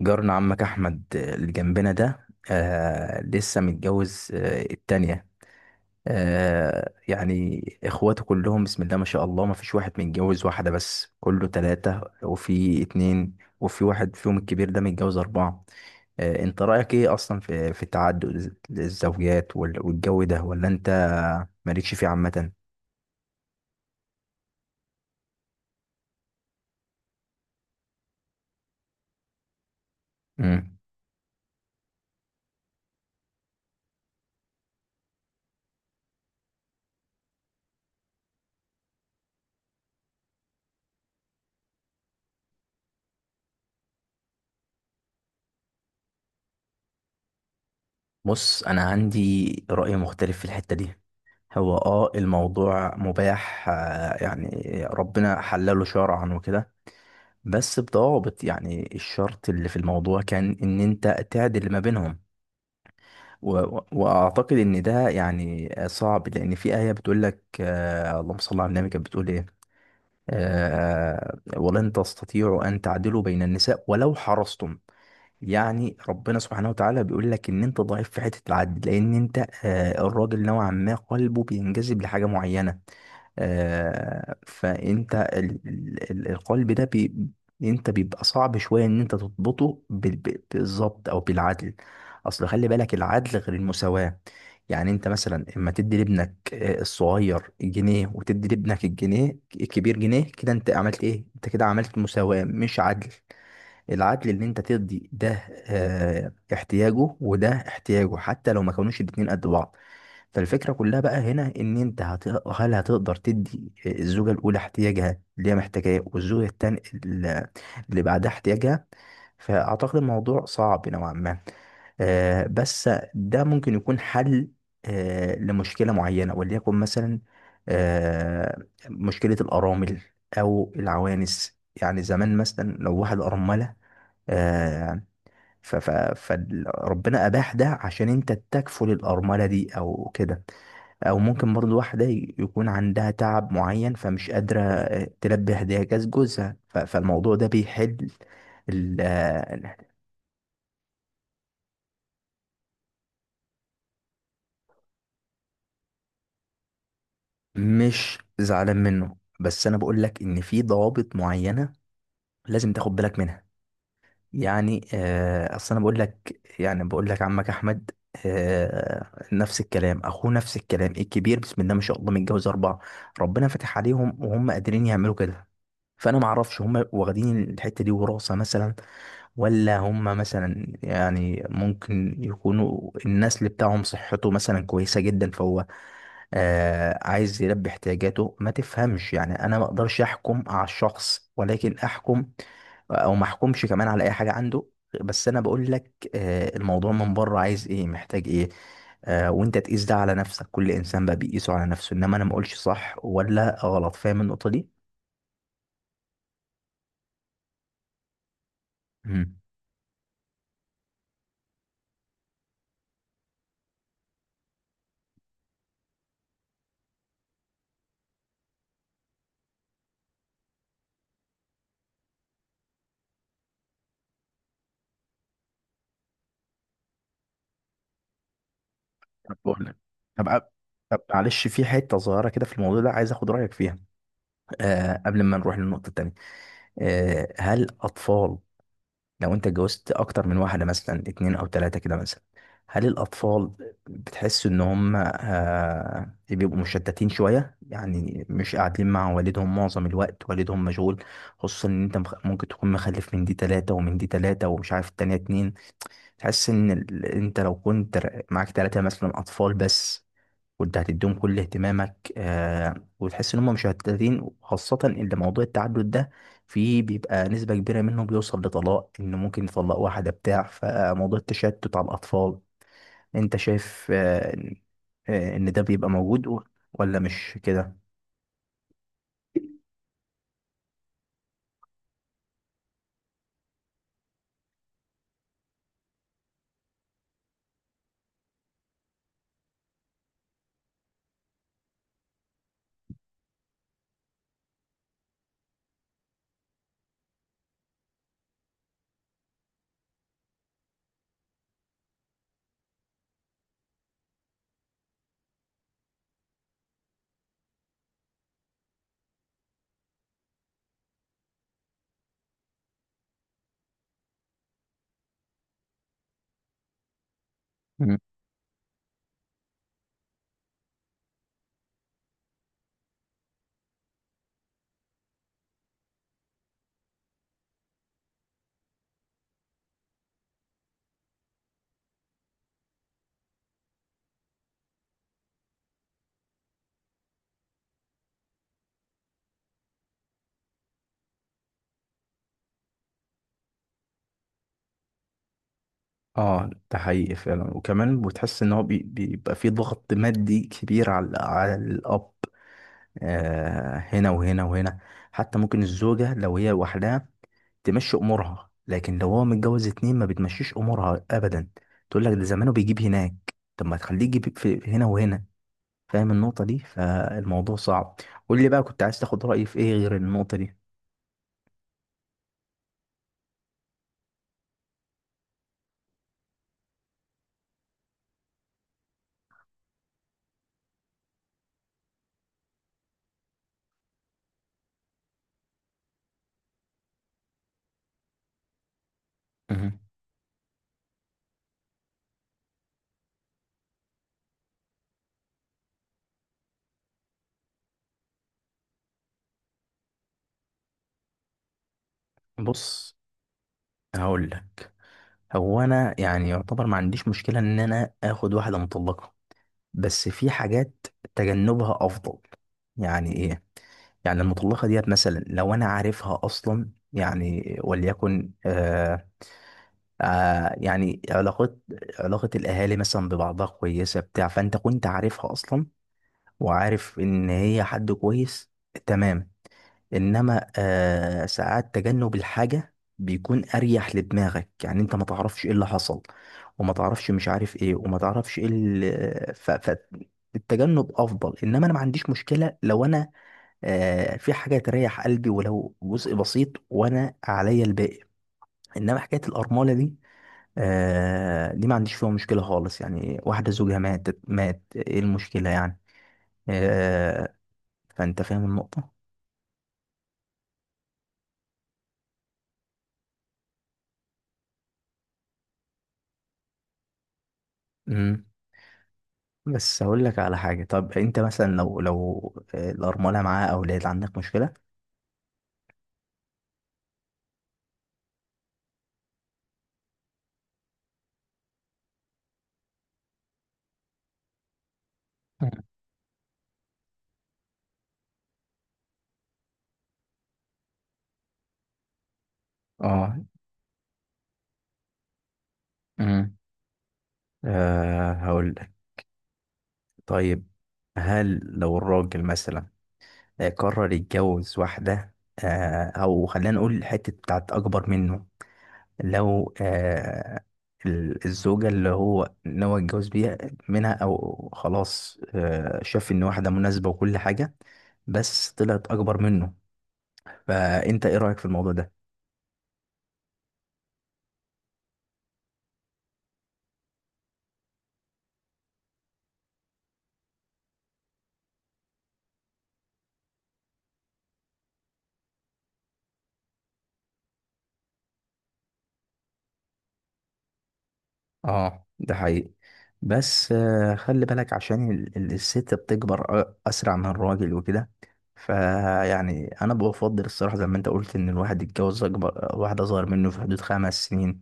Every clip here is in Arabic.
جارنا عمك احمد اللي جنبنا ده لسه متجوز التانية. يعني اخواته كلهم بسم الله ما شاء الله، ما فيش واحد متجوز واحدة بس، كله تلاتة وفي اتنين وفي واحد، فيهم الكبير ده متجوز اربعة. انت رأيك ايه اصلا في تعدد الزوجات والجو ده، ولا انت مالكش فيه عامة؟ مم. بص، انا عندي رأي مختلف في الحتة دي. هو الموضوع مباح، يعني ربنا حلله شرعا وكده، بس بضوابط. يعني الشرط اللي في الموضوع كان ان انت تعدل ما بينهم. واعتقد ان ده يعني صعب، لان في آية بتقول لك، اللهم صل على النبي، كانت بتقول ايه؟ ولن تستطيعوا ان تعدلوا بين النساء ولو حرصتم. يعني ربنا سبحانه وتعالى بيقول لك ان انت ضعيف في حته العدل، لان انت الراجل نوعا ما قلبه بينجذب لحاجه معينه. فانت القلب ده بي انت بيبقى صعب شويه ان انت تضبطه بالظبط او بالعدل. اصل خلي بالك، العدل غير المساواه. يعني انت مثلا اما تدي لابنك الصغير جنيه، وتدي لابنك الجنيه الكبير جنيه، كده انت عملت ايه؟ انت كده عملت مساواه مش عدل. العدل ان انت ترضي ده احتياجه وده احتياجه، حتى لو ما كانوش الاتنين قد بعض. فالفكرة كلها بقى هنا ان هل هتقدر تدي الزوجة الاولى احتياجها اللي هي محتاجاه، والزوجة التانية اللي بعدها احتياجها؟ فاعتقد الموضوع صعب نوعا ما. بس ده ممكن يكون حل لمشكلة معينة، وليكن مثلا آه، مشكلة الأرامل أو العوانس. يعني زمان مثلا لو واحد أرملة، آه، ف ف فربنا اباح ده عشان انت تكفل الارمله دي او كده. او ممكن برضو واحده يكون عندها تعب معين فمش قادره تلبي احتياجات جوزها، فالموضوع ده بيحل ال- آه، مش زعلان منه، بس انا بقول لك ان في ضوابط معينه لازم تاخد بالك منها. يعني اصل انا بقول لك، يعني بقول لك عمك احمد آه، نفس الكلام، اخوه نفس الكلام الكبير بسم الله ما شاء الله متجوز اربعه. ربنا فتح عليهم وهم قادرين يعملوا كده. فانا ما اعرفش هم واخدين الحته دي وراثه مثلا، ولا هم مثلا يعني ممكن يكونوا النسل بتاعهم صحته مثلا كويسه جدا، فهو عايز يلبي احتياجاته، ما تفهمش. يعني انا ما اقدرش احكم على الشخص، ولكن احكم او ما احكمش كمان على اي حاجه عنده. بس انا بقول لك الموضوع من بره عايز ايه، محتاج ايه. وانت تقيس ده على نفسك، كل انسان بقى بيقيسه على نفسه، انما انا ما اقولش صح ولا غلط. فاهم النقطه دي؟ مم. طب بقول لك، طب أ- طب معلش، في حته صغيره كده في الموضوع ده عايز اخد رايك فيها، قبل ما نروح للنقطه التانيه. هل اطفال، لو انت اتجوزت اكتر من واحده، مثلا اتنين او تلاته كده مثلا، هل الاطفال بتحس ان هم بيبقوا مشتتين شويه؟ يعني مش قاعدين مع والدهم معظم الوقت، والدهم مشغول. خصوصا ان انت ممكن تكون مخلف من دي تلاته ومن دي تلاته، ومش عارف التانيه اتنين. تحس ان انت لو كنت معاك تلاته مثلا اطفال بس، وانت هتديهم كل اهتمامك، وتحس ان هم مش مشتتين. خاصة ان موضوع التعدد ده فيه بيبقى نسبة كبيرة منه بيوصل لطلاق، ان ممكن يطلق واحدة بتاع. فموضوع التشتت على الاطفال، انت شايف آه ان آه، إن ده بيبقى موجود، ولا مش كده؟ مم. اه، ده حقيقي فعلا. وكمان بتحس ان هو بيبقى فيه ضغط مادي كبير على الاب، هنا وهنا وهنا. حتى ممكن الزوجة لو هي لوحدها تمشي امورها، لكن لو هو متجوز اتنين ما بتمشيش امورها ابدا. تقول لك ده زمانه بيجيب هناك، طب ما تخليه يجيب في هنا وهنا. فاهم النقطة دي؟ فالموضوع صعب. قول لي بقى، كنت عايز تاخد رأيي في ايه غير النقطة دي؟ مهم. بص هقول لك، هو انا يعني يعتبر ما عنديش مشكلة ان انا اخد واحدة مطلقة، بس في حاجات تجنبها افضل. يعني ايه؟ يعني المطلقة ديت مثلا لو أنا عارفها أصلا، يعني وليكن علاقات، علاقة الأهالي مثلا ببعضها كويسة بتاع، فأنت كنت عارفها أصلا وعارف إن هي حد كويس، تمام. إنما ساعات تجنب الحاجة بيكون أريح لدماغك، يعني أنت ما تعرفش إيه اللي حصل، وما تعرفش مش عارف إيه، وما تعرفش إيه ف... ف... التجنب أفضل. إنما أنا ما عنديش مشكلة لو أنا في حاجة تريح قلبي ولو جزء بسيط، وأنا عليا الباقي. إنما حكاية الأرملة دي دي ما عنديش فيها مشكلة خالص، يعني واحدة زوجها ماتت، مات، ايه المشكلة يعني؟ آه فانت فاهم النقطة. امم. بس هقول لك على حاجة. طب انت مثلا لو الأرملة معاها أولاد عندك مشكلة؟ مم. اه. امم. هقول لك، طيب، هل لو الراجل مثلا قرر يتجوز واحدة أو خلينا نقول الحتة بتاعت أكبر منه؟ لو الزوجة اللي هو ناوي يتجوز بيها منها، أو خلاص شاف إن واحدة مناسبة وكل حاجة، بس طلعت أكبر منه، فأنت إيه رأيك في الموضوع ده؟ اه، ده حقيقي، بس خلي بالك عشان الست بتكبر اسرع من الراجل وكده. فيعني انا بفضل الصراحه، زي ما انت قلت، ان الواحد يتجوز اكبر، واحده اصغر منه في حدود 5 سنين،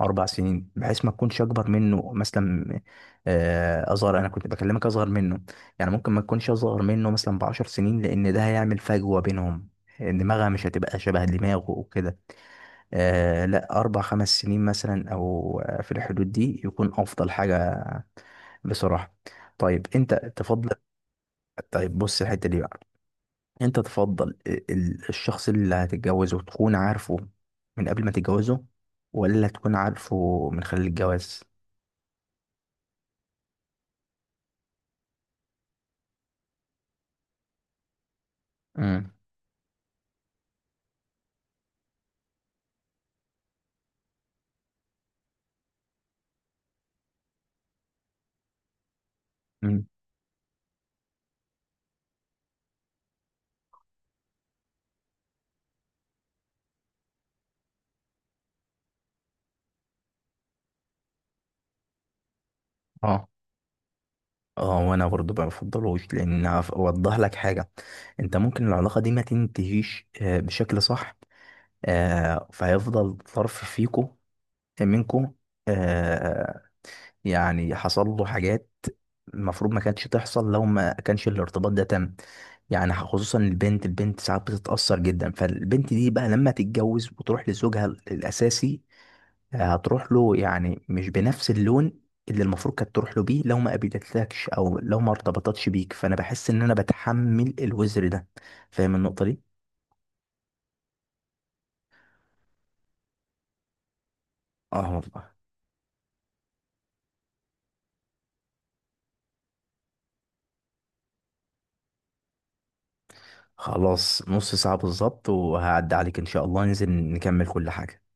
4 سنين، بحيث ما تكونش اكبر منه مثلا. آه، اصغر انا كنت بكلمك اصغر منه، يعني ممكن ما تكونش اصغر منه مثلا ب10 سنين، لان ده هيعمل فجوه بينهم، دماغها مش هتبقى شبه دماغه وكده. آه لا، أربع خمس سنين مثلا، أو في الحدود دي يكون أفضل حاجة بصراحة. طيب أنت تفضل، طيب بص الحتة دي بقى، أنت تفضل الشخص اللي هتتجوزه تكون عارفه من قبل ما تتجوزه، ولا تكون عارفه من خلال الجواز؟ امم. امم. اه. اه وانا برضه ما بفضلوش، لان اوضح لك حاجه. انت ممكن العلاقه دي ما تنتهيش بشكل صح، فهيفضل طرف منكم آه يعني حصل له حاجات المفروض ما كانتش تحصل لو ما كانش الارتباط ده تم. يعني خصوصا البنت، البنت ساعات بتتأثر جدا. فالبنت دي بقى لما تتجوز وتروح لزوجها الأساسي، هتروح له يعني مش بنفس اللون اللي المفروض كانت تروح له بيه، لو ما قابلتلكش او لو ما ارتبطتش بيك. فانا بحس ان انا بتحمل الوزر ده. فاهم النقطة دي؟ اه والله. خلاص، نص ساعة بالظبط وهعدي عليك ان شاء الله، ننزل نكمل كل حاجة.